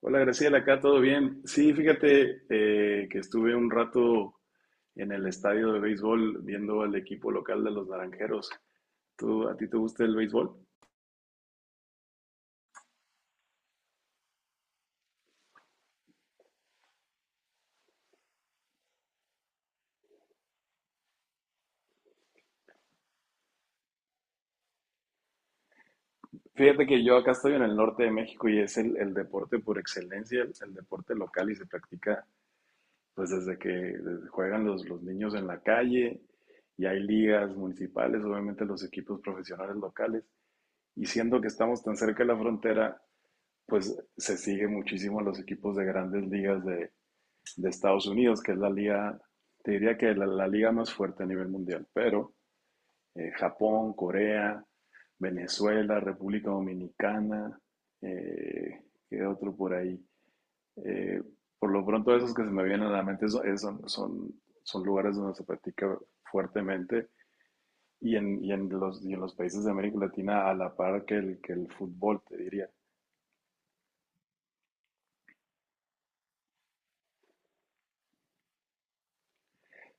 Hola Graciela, acá todo bien. Sí, fíjate que estuve un rato en el estadio de béisbol viendo al equipo local de los Naranjeros. ¿A ti te gusta el béisbol? Fíjate que yo acá estoy en el norte de México y es el deporte por excelencia, el deporte local y se practica pues desde juegan los niños en la calle y hay ligas municipales, obviamente los equipos profesionales locales. Y siendo que estamos tan cerca de la frontera, pues se sigue muchísimo a los equipos de grandes ligas de Estados Unidos, que es la liga, te diría que la liga más fuerte a nivel mundial, pero Japón, Corea, Venezuela, República Dominicana, eh, ¿qué otro por ahí? Eh, por lo pronto esos que se me vienen a la mente son lugares donde se practica fuertemente y en los países de América Latina a la par que el fútbol, te diría.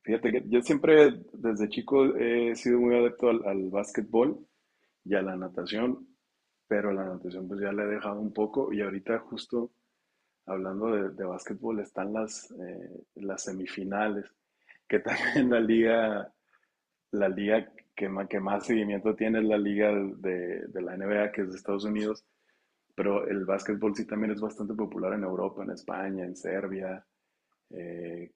Fíjate que yo siempre desde chico he sido muy adepto al básquetbol y a la natación, pero la natación pues ya la he dejado un poco y ahorita justo hablando de básquetbol están las semifinales, que también la liga que más seguimiento tiene es la liga de la N B A que es de Estados Unidos, pero el básquetbol sí también es bastante popular en Europa, en España, en Serbia. eh,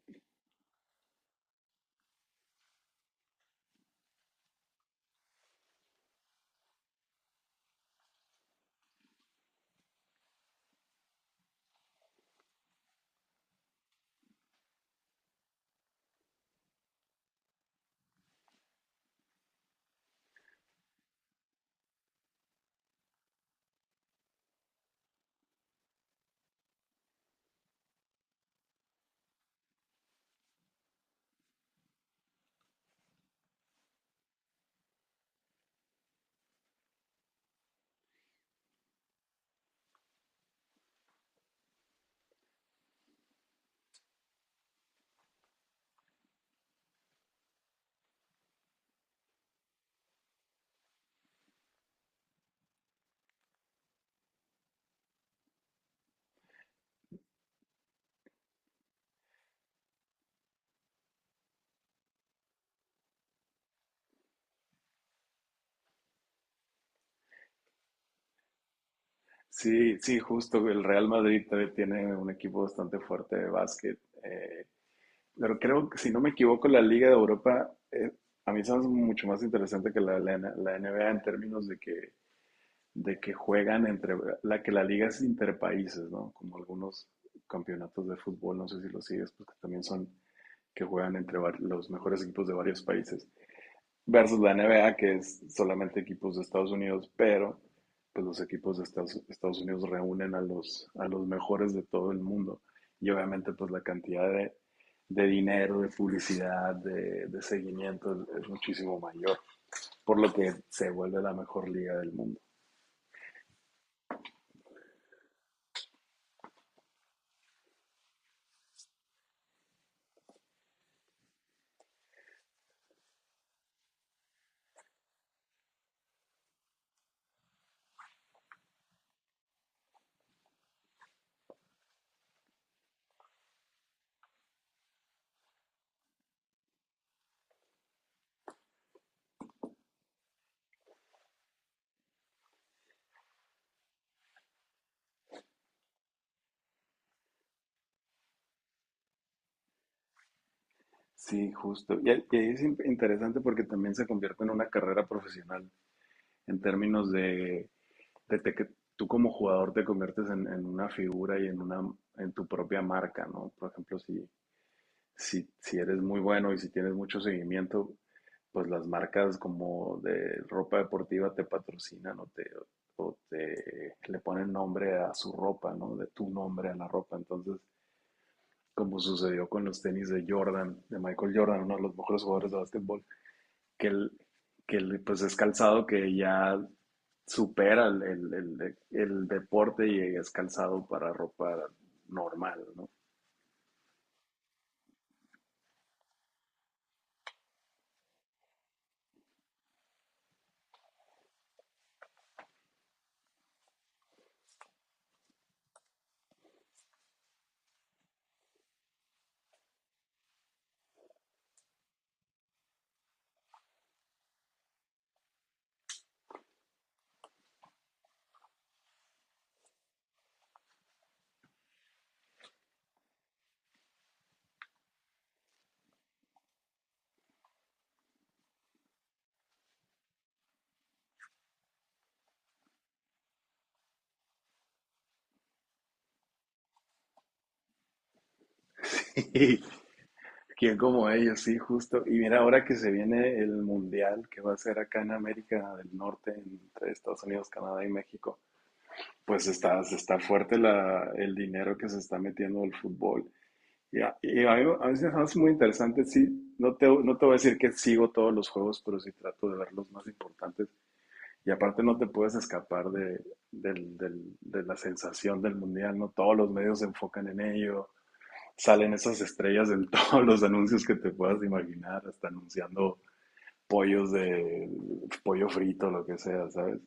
sí, justo, el Real Madrid también tiene un equipo bastante fuerte de básquet. eh, Pero creo que, si no me equivoco, la Liga de Europa, a mí se me hace mucho más interesante que la NBA en términos de que juegan entre, la que la liga es interpaíses, ¿no? Como algunos campeonatos de fútbol, no sé si lo sigues, pues que también son que juegan los mejores equipos de varios países versus la N B A, que es solamente equipos de Estados Unidos, pero pues los equipos de Estados Unidos reúnen a los mejores de todo el mundo. Y obviamente pues la cantidad de dinero, de publicidad, de seguimiento es muchísimo mayor, por lo que se vuelve la mejor liga del mundo. Sí, justo. Y es interesante porque también se convierte en una carrera profesional en términos de desde que tú como jugador te conviertes en una figura y en una en tu propia marca, ¿no? Por ejemplo, si eres muy bueno y si tienes mucho seguimiento, pues las marcas como de ropa deportiva te patrocinan o te le ponen nombre a su ropa, ¿no? De tu nombre a la ropa. Entonces, como sucedió con los tenis de Jordan, de Michael Jordan, uno de los mejores jugadores de básquetbol, que, el, que el, pues es calzado que ya supera el deporte y es calzado para ropa normal, ¿no? ¿Quién como ellos? Sí, justo. Y mira, ahora que se viene el mundial que va a ser acá en América del Norte, entre Estados Unidos, Canadá y México, pues está, está fuerte el dinero que se está metiendo el fútbol. A mí me hace muy interesante, sí, no te voy a decir que sigo todos los juegos, pero sí trato de ver los más importantes. Y aparte no te puedes escapar de la sensación del mundial, ¿no? Todos los medios se enfocan en ello, salen esas estrellas en todos los anuncios que te puedas imaginar, hasta anunciando pollos de pollo frito, lo que sea, ¿sabes?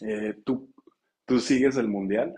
Eh, ¿tú, Tú sigues el mundial?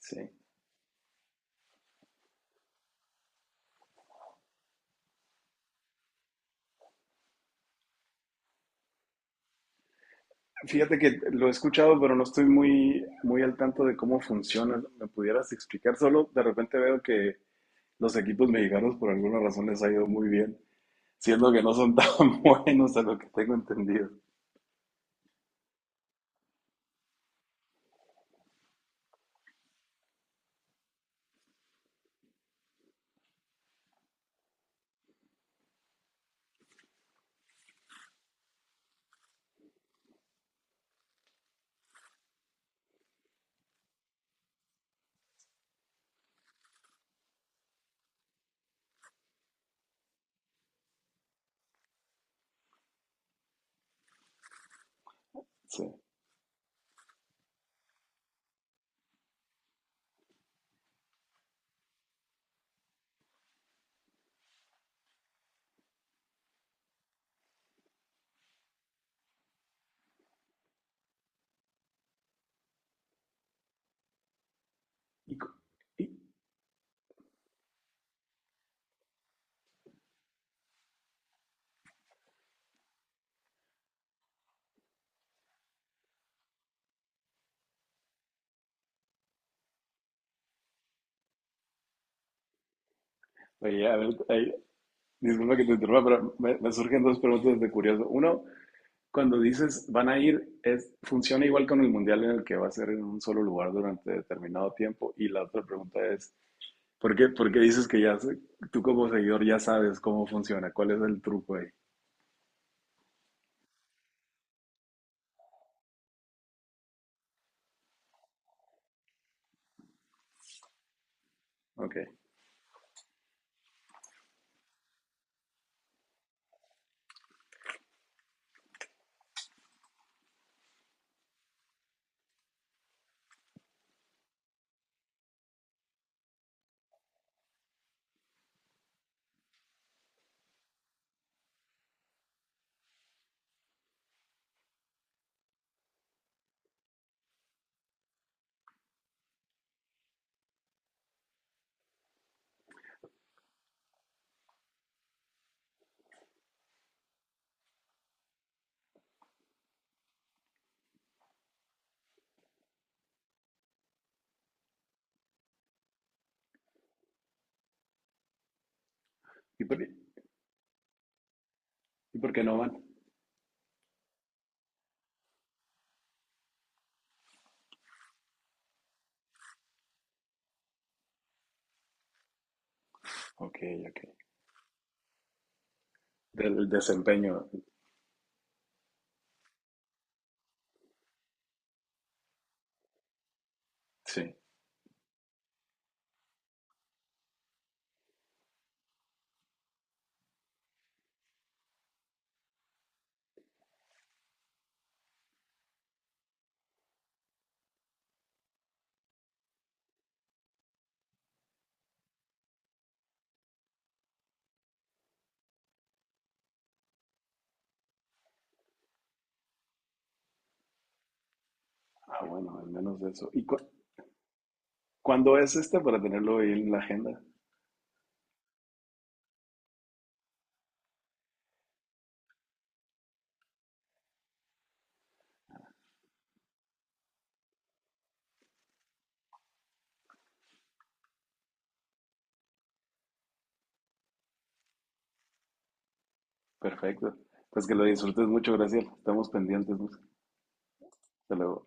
Sí. Fíjate que lo he escuchado, pero no estoy muy, muy al tanto de cómo funciona, ¿no? ¿Me pudieras explicar? Solo de repente veo que los equipos mexicanos por alguna razón les ha ido muy bien. Siendo que no son tan buenos a lo que tengo entendido. Sí. Y co- y- Oye, a ver, ahí, disculpa que te interrumpa, pero me surgen dos preguntas de curioso. Uno, cuando dices van a ir, es, ¿funciona igual con el mundial en el que va a ser en un solo lugar durante determinado tiempo? Y la otra pregunta es, por qué dices que ya, tú como seguidor ya sabes cómo funciona? ¿Cuál es el truco ahí? Ok. Y por qué no van? Ok, ok. Del desempeño, sí. Ah, bueno, al menos eso. ¿Cuándo es este para tenerlo ahí en la agenda? Perfecto. Pues que lo disfrutes mucho, Graciela. Estamos pendientes. Luis. Hasta luego.